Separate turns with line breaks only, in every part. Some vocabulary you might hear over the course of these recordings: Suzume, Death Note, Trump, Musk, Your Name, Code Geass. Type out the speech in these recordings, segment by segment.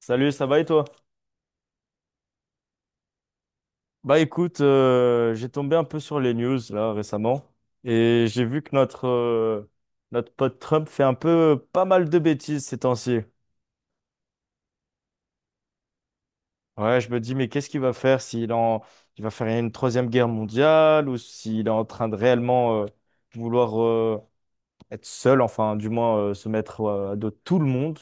Salut, ça va et toi? Bah écoute, j'ai tombé un peu sur les news là récemment et j'ai vu que notre, notre pote Trump fait un peu pas mal de bêtises ces temps-ci. Ouais, je me dis, mais qu'est-ce qu'il va faire il va faire une troisième guerre mondiale ou s'il est en train de réellement vouloir être seul, enfin du moins se mettre à dos de tout le monde.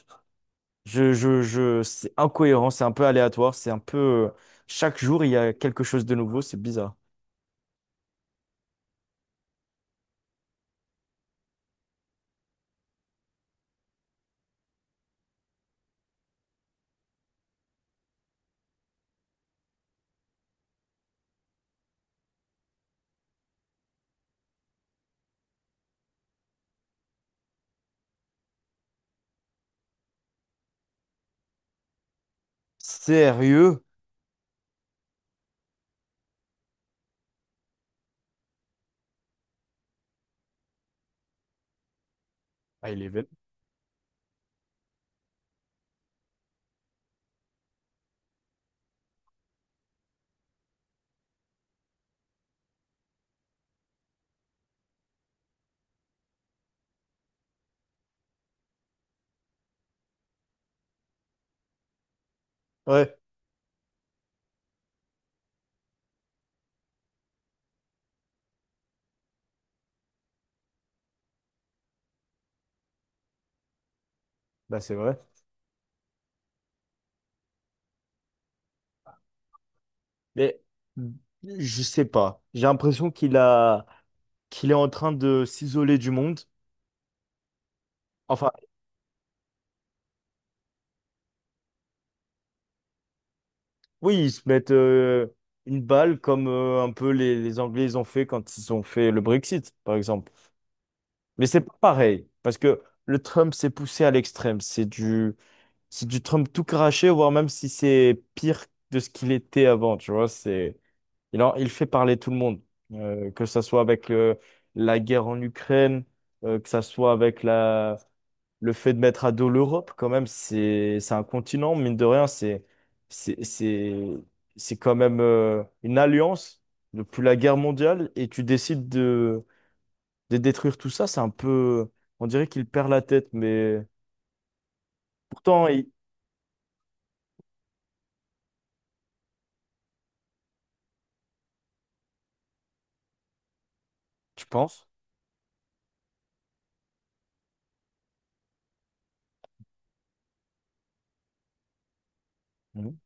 C'est incohérent, c'est un peu aléatoire, Chaque jour, il y a quelque chose de nouveau, c'est bizarre. Sérieux? Ah, il est vite. Ouais, bah c'est vrai. Mais je sais pas. J'ai l'impression qu'il a qu'il est en train de s'isoler du monde. Enfin, oui, ils se mettent une balle comme un peu les Anglais ils ont fait quand ils ont fait le Brexit, par exemple. Mais c'est pas pareil parce que le Trump s'est poussé à l'extrême. C'est du Trump tout craché, voire même si c'est pire de ce qu'il était avant. Il fait parler tout le monde, que ça soit avec la guerre en Ukraine, que ça soit avec le fait de mettre à dos l'Europe, quand même, c'est un continent, mine de rien, c'est, c'est, c'est quand même, une alliance depuis la guerre mondiale et tu décides de détruire tout ça, c'est un peu, on dirait qu'il perd la tête, mais pourtant, il- tu penses? Mhm.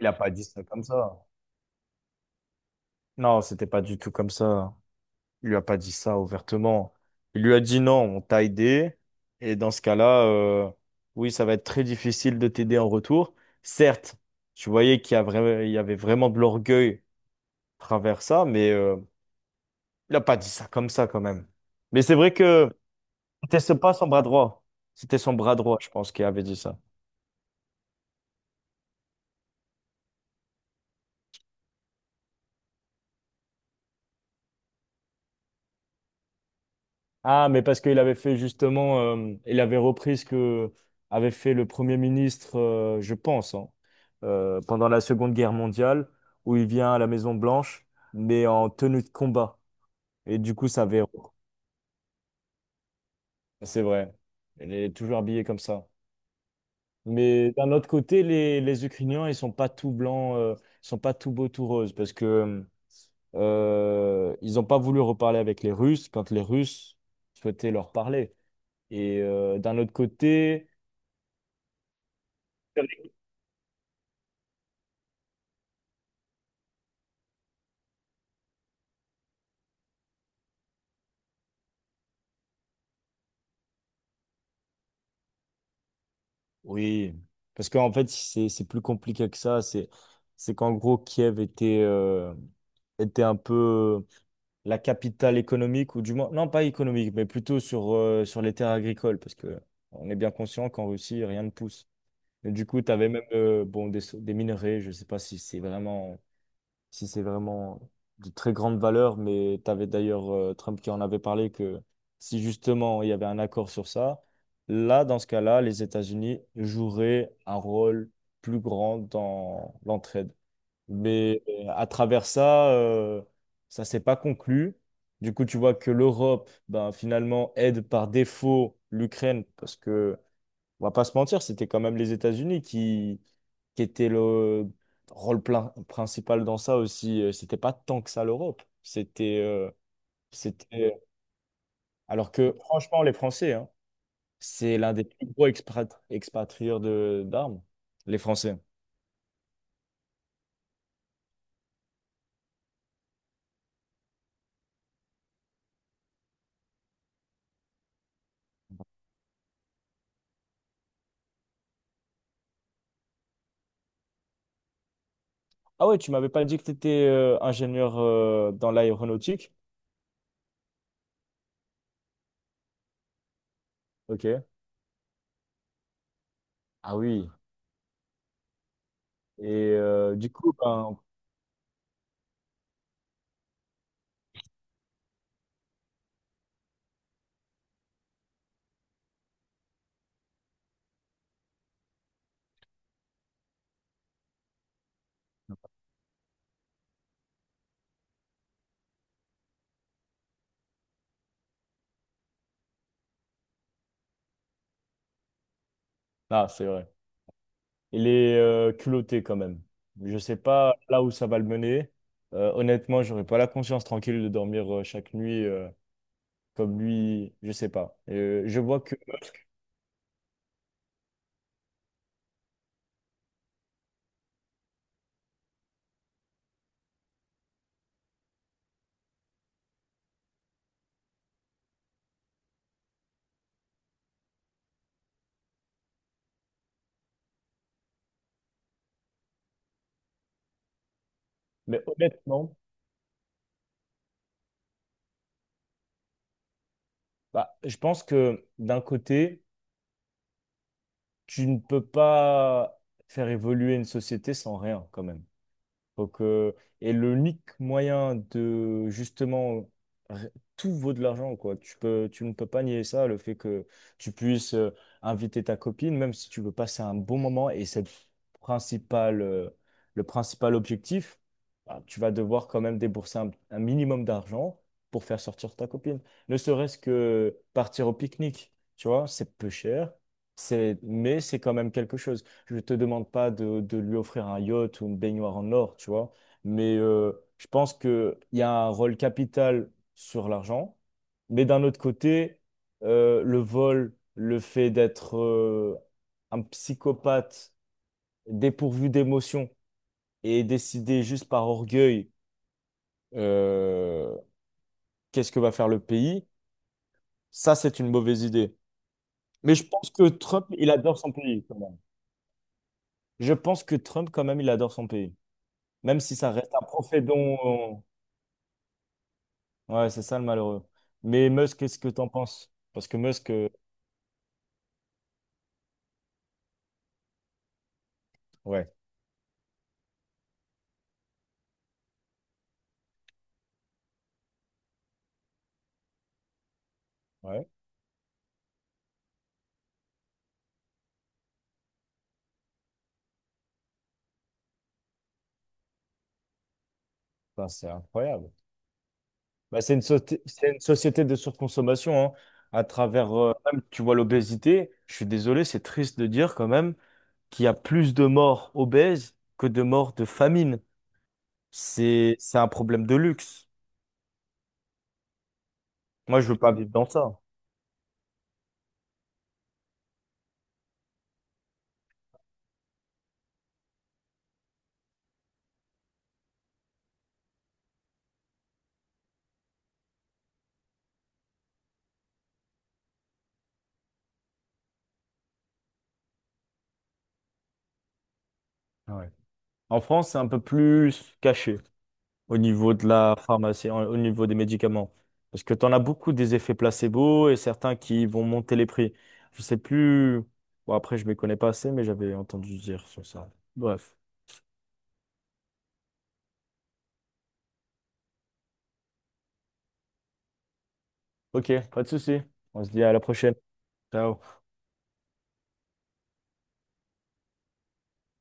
Il n'a pas dit ça comme ça. Non, c'était pas du tout comme ça. Il lui a pas dit ça ouvertement. Il lui a dit non, on t'a aidé. Et dans ce cas-là, oui, ça va être très difficile de t'aider en retour. Certes, tu voyais qu'il y a il y avait vraiment de l'orgueil à travers ça, mais il a pas dit ça comme ça quand même. Mais c'est vrai que pas son bras droit. C'était son bras droit, je pense, qui avait dit ça. Ah, mais parce qu'il avait fait justement, il avait repris ce que avait fait le Premier ministre, je pense, hein, pendant la Seconde Guerre mondiale, où il vient à la Maison Blanche, mais en tenue de combat. Et du coup, ça avait... C'est vrai. Il est toujours habillé comme ça. Mais d'un autre côté, les Ukrainiens, ils sont pas tout blancs, ils sont pas tout beaux, tout roses, parce que ils n'ont pas voulu reparler avec les Russes quand les Russes souhaitaient leur parler. Et d'un autre côté... Oui, parce qu'en fait, c'est plus compliqué que ça. C'est qu'en gros, Kiev était, était un peu la capitale économique, ou du moins, non, pas économique, mais plutôt sur, sur les terres agricoles, parce que on est bien conscient qu'en Russie, rien ne pousse. Et du coup, tu avais même bon, des minerais, je sais pas si c'est vraiment si c'est vraiment de très grande valeur, mais tu avais d'ailleurs Trump qui en avait parlé que si justement il y avait un accord sur ça, là, dans ce cas-là, les États-Unis joueraient un rôle plus grand dans l'entraide. Mais à travers ça, ça s'est pas conclu. Du coup, tu vois que l'Europe, ben, finalement, aide par défaut l'Ukraine parce que on va pas se mentir, c'était quand même les États-Unis qui étaient le rôle plein, principal dans ça aussi. C'était pas tant que ça l'Europe. C'était, c'était... Alors que franchement, les Français, hein, c'est l'un des plus gros expatrieurs de d'armes, les Français. Ah ouais, tu m'avais pas dit que tu étais ingénieur dans l'aéronautique? Ok. Ah oui. Et du coup, ben... Ah, c'est vrai. Il est culotté quand même. Je sais pas là où ça va le mener. Honnêtement, j'aurais pas la conscience tranquille de dormir chaque nuit comme lui. Je sais pas. Je vois que, mais honnêtement, bah, je pense que d'un côté, tu ne peux pas faire évoluer une société sans rien quand même. Donc, et l'unique moyen de justement r- tout vaut de l'argent, quoi. Tu ne peux pas nier ça, le fait que tu puisses inviter ta copine, même si tu veux passer un bon moment, et c'est principal, euh, le principal objectif, bah, tu vas devoir quand même débourser un minimum d'argent pour faire sortir ta copine. Ne serait-ce que partir au pique-nique, tu vois, c'est peu cher, c'est, mais c'est quand même quelque chose. Je te demande pas de lui offrir un yacht ou une baignoire en or, tu vois. Mais je pense qu'il y a un rôle capital sur l'argent. Mais d'un autre côté, le vol, le fait d'être un psychopathe dépourvu d'émotions et décider juste par orgueil, euh, qu'est-ce que va faire le pays, ça, c'est une mauvaise idée. Mais je pense que Trump, il adore son pays quand même. Je pense que Trump, quand même, il adore son pays. Même si ça reste un profet dont... Ouais, c'est ça le malheureux. Mais Musk, qu'est-ce que t'en penses? Parce que Musk, ouais, ouais, enfin, c'est incroyable. Bah, c'est une société de surconsommation, hein. À travers, même, tu vois l'obésité, je suis désolé, c'est triste de dire quand même qu'il y a plus de morts obèses que de morts de famine. C'est un problème de luxe. Moi, je veux pas vivre dans ça. Ouais. En France, c'est un peu plus caché, au niveau de la pharmacie, au niveau des médicaments. Parce que tu en as beaucoup des effets placebo et certains qui vont monter les prix. Je sais plus. Bon, après, je ne m'y connais pas assez, mais j'avais entendu dire sur ça. Bref. Ok, pas de souci. On se dit à la prochaine. Ciao.